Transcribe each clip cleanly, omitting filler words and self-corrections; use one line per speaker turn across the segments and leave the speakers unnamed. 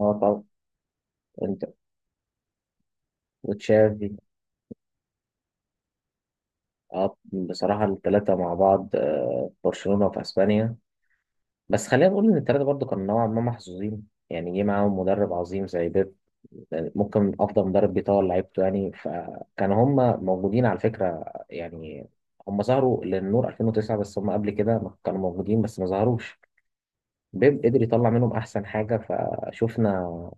اه طبعا، انت وتشافي. اه بصراحة الثلاثة مع بعض في برشلونة وفي اسبانيا. بس خلينا نقول ان الثلاثة برضو كانوا نوعا ما محظوظين، يعني جه معاهم مدرب عظيم زي بيب. يعني ممكن افضل مدرب بيطور لعيبته، يعني فكانوا هم موجودين على فكرة. يعني هم ظهروا للنور 2009، بس هم قبل كده ما كانوا موجودين بس ما ظهروش. بيب قدر يطلع منهم احسن حاجة، فشفنا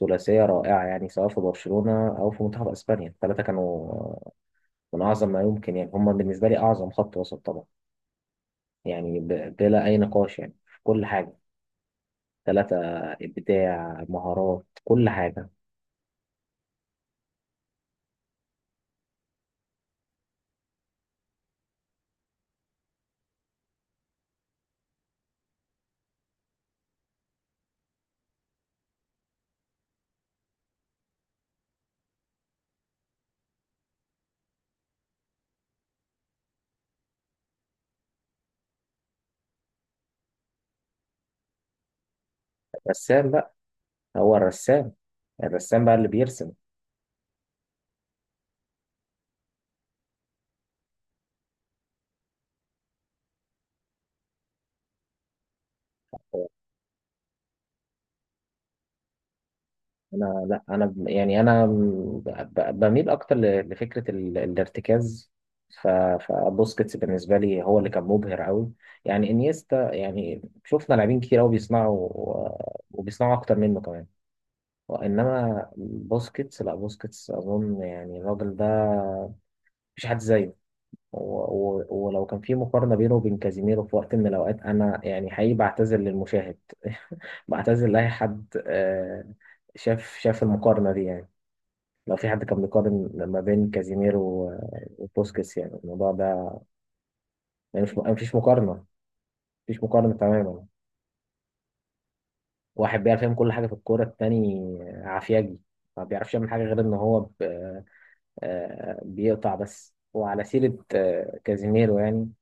ثلاثية رائعة، يعني سواء في برشلونة او في منتخب اسبانيا الثلاثة كانوا من أعظم ما يمكن. يعني هم بالنسبة لي أعظم خط وسط طبعا، يعني بلا أي نقاش، يعني في كل حاجة. ثلاثة، إبداع، مهارات، كل حاجة. رسام بقى، هو الرسام، الرسام بقى اللي بيرسم. أنا لا، أنا بميل أكتر لفكرة الارتكاز. ف- فبوسكيتس بالنسبة لي هو اللي كان مبهر أوي. يعني إنيستا، يعني شفنا لاعبين كتير أوي بيصنعوا، وبيصنعوا أكتر منه كمان. انما بوسكيتس، لا بوسكيتس اظن يعني الراجل ده مفيش حد زيه. و- ولو كان في مقارنه بينه وبين كازيميرو في وقت من الاوقات، انا يعني حقيقي بعتذر للمشاهد بعتذر لاي حد. شاف شاف المقارنه دي، يعني لو في حد كان بيقارن ما بين كازيميرو وبوسكيتس، يعني الموضوع ده يعني مش، مفيش مقارنه، مفيش مقارنه تماما. واحد بيعرف يعمل كل حاجه في الكوره، التاني عافياجي ما بيعرفش يعمل حاجه غير ان هو بيقطع بس. وعلى سيرة كازيميرو، يعني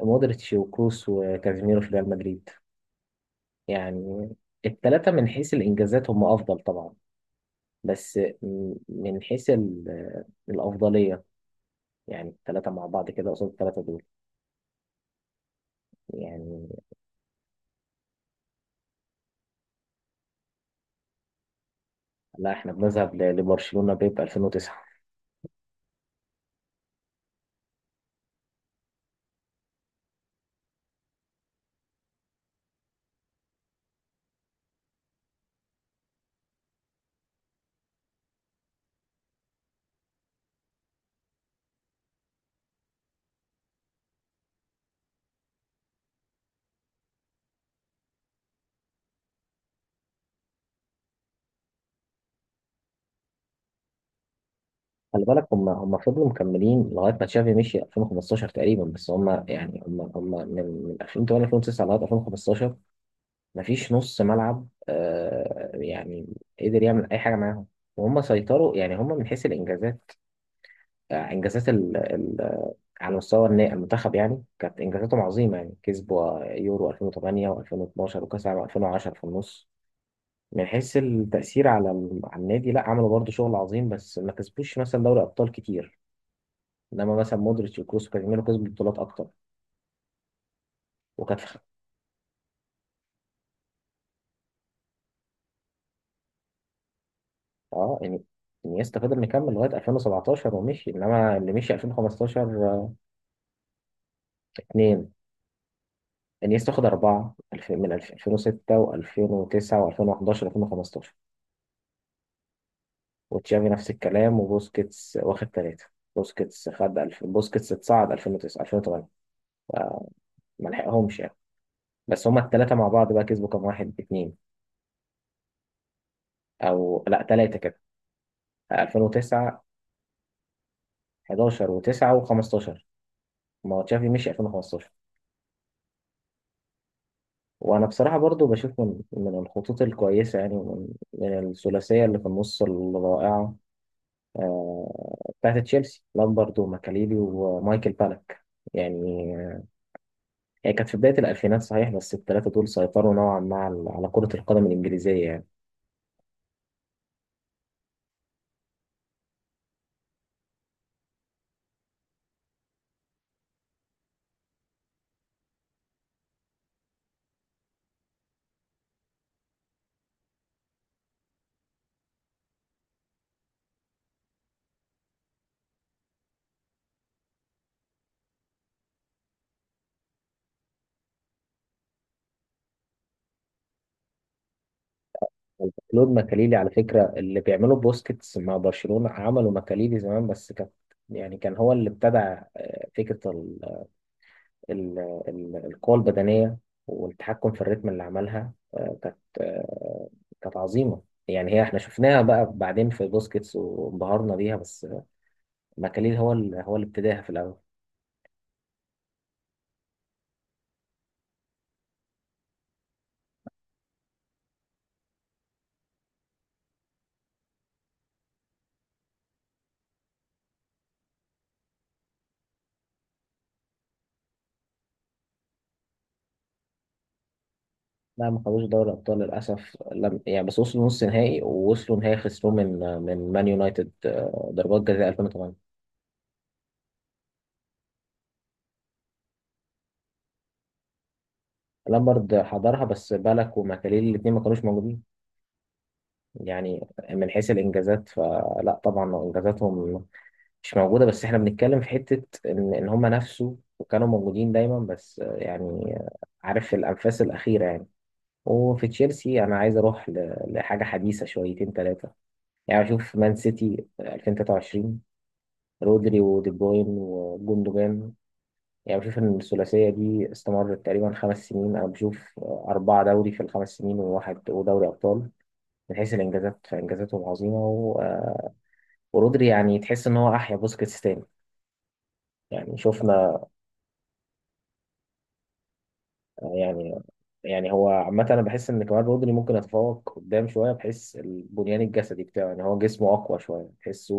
مودريتش وكروس وكازيميرو في ريال مدريد، يعني الثلاثة من حيث الإنجازات هم أفضل طبعا. بس من حيث الأفضلية، يعني الثلاثة مع بعض كده قصاد الثلاثة دول. يعني لا، احنا بنذهب لبرشلونة بيب 2009. خلي بالك هم فضلوا مكملين لغاية ما تشافي مشي 2015 تقريبا، بس هم يعني هم من 2008 2009 لغاية 2015. مفيش نص ملعب يعني قدر يعمل اي حاجه معاهم. وهم سيطروا، يعني هم من حيث الانجازات، انجازات ال ال على مستوى المنتخب. يعني كانت انجازاتهم عظيمه، يعني كسبوا يورو 2008 و2012 وكاس العالم 2010 في النص. من حيث التاثير على على النادي، لا عملوا برضه شغل عظيم، بس ما كسبوش مثلا دوري ابطال كتير. انما مثلا مودريتش وكروس وكازيميرو كسبوا بطولات اكتر. وكانت اه يعني انيستا فضل مكمل لغايه 2017 ومشي، انما اللي مشي 2015. آه، اتنين. انيستا خد أربعة، 2006 و2009 و2011 و2015. وتشافي نفس الكلام، وبوسكيتس واخد ثلاثة. بوسكيتس خد بوسكيتس اتصعد 2009 2008، ما لحقهمش يعني. بس هما الثلاثة مع بعض بقى كسبوا كام، واحد، اتنين، أو لا ثلاثة كده. 2009، 11 و9 و15. ما هو تشافي مشي 2015. وأنا بصراحة برضو بشوف من الخطوط الكويسة، يعني من الثلاثية اللي في النص الرائعة، بتاعت تشيلسي، لامبرد وماكاليلي ومايكل بالك. يعني هي كانت في بداية الألفينات صحيح، بس الثلاثة دول سيطروا نوعا ما على كرة القدم الإنجليزية يعني. كلود ماكاليلي، على فكرة اللي بيعملوا بوسكيتس مع برشلونة عملوا ماكاليلي زمان، بس كانت يعني كان هو اللي ابتدع فكرة ال- القوة البدنية والتحكم في الريتم اللي عملها. كانت كانت عظيمة. يعني هي احنا شفناها بقى بعدين في بوسكيتس وانبهرنا بيها، بس ماكاليل هو هو اللي ابتداها في الاول. لا، ما خدوش دوري ابطال للاسف، لم... يعني بس وصلوا نص نهائي ووصلوا نهائي خسروه من مان يونايتد، ضربات جزاء 2008. لامبرد حضرها بس بالك، وماكاليل الاثنين ما كانوش موجودين. يعني من حيث الانجازات فلا، طبعا انجازاتهم مش موجوده، بس احنا بنتكلم في حته ان هم نفسوا وكانوا موجودين دايما، بس يعني عارف الانفاس الاخيره يعني. وفي تشيلسي، انا عايز اروح لحاجه حديثه شويتين ثلاثه. يعني بشوف مان سيتي 2023، رودري ودي بروين وجوندوجان. يعني بشوف ان الثلاثيه دي استمرت تقريبا 5 سنين. انا بشوف اربعه دوري في الخمس سنين وواحد ودوري ابطال. من حيث الانجازات فانجازاتهم عظيمه، ورودري يعني تحس ان هو احيا بوسكيتس تاني. يعني شفنا، يعني يعني هو عامة أنا بحس إن كمان رودري ممكن يتفوق قدام شوية، بحيث البنيان الجسدي بتاعه يعني هو جسمه أقوى شوية تحسه.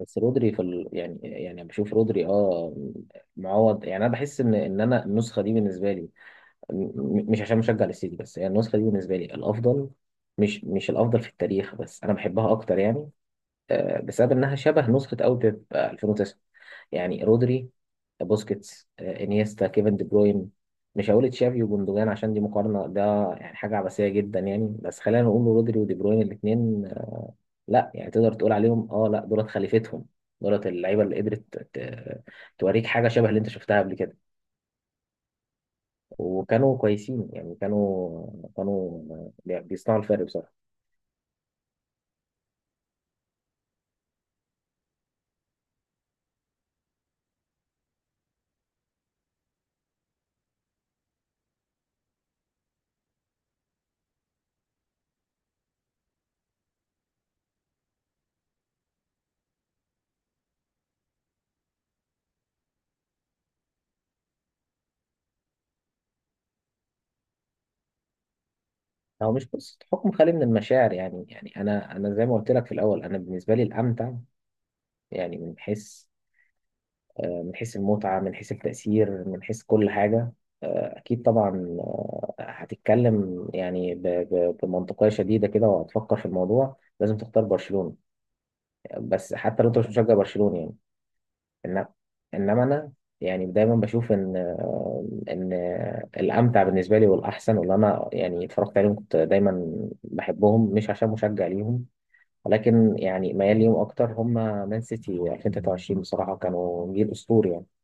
بس رودري في يعني بشوف رودري، معوض. يعني انا بحس ان انا النسخه دي بالنسبه لي، مش عشان مشجع للسيتي بس، يعني النسخه دي بالنسبه لي الافضل. مش الافضل في التاريخ، بس انا بحبها اكتر، يعني بسبب انها شبه نسخه اوي بيب 2009. يعني رودري، بوسكيتس، انيستا، كيفن دي بروين. مش هقول تشافي وجوندوجان عشان دي مقارنه، ده يعني حاجه عبثيه جدا يعني. بس خلينا نقول رودري ودي بروين الاثنين، لا، يعني تقدر تقول عليهم، لا، دولت خليفتهم. دولت اللعيبه اللي قدرت ت- توريك حاجه شبه اللي انت شفتها قبل كده. وكانوا كويسين، يعني كانوا بيصنعوا الفرق بصراحه. هو مش قصه حكم خالي من المشاعر، يعني انا، زي ما قلت لك في الاول، انا بالنسبه لي الامتع، يعني من حيث، المتعه، من حيث التاثير، من حيث كل حاجه. اكيد طبعا. هتتكلم يعني بمنطقيه شديده كده، وهتفكر في الموضوع لازم تختار برشلونه. بس حتى لو انت مش مشجع برشلوني يعني، انما انما انا يعني دايما بشوف ان ان الامتع بالنسبه لي والاحسن، واللي انا يعني اتفرجت عليهم كنت دايما بحبهم، مش عشان مشجع ليهم ولكن يعني ميال ليهم اكتر هم. مان سيتي 2023 بصراحه كانوا جيل اسطوري يعني.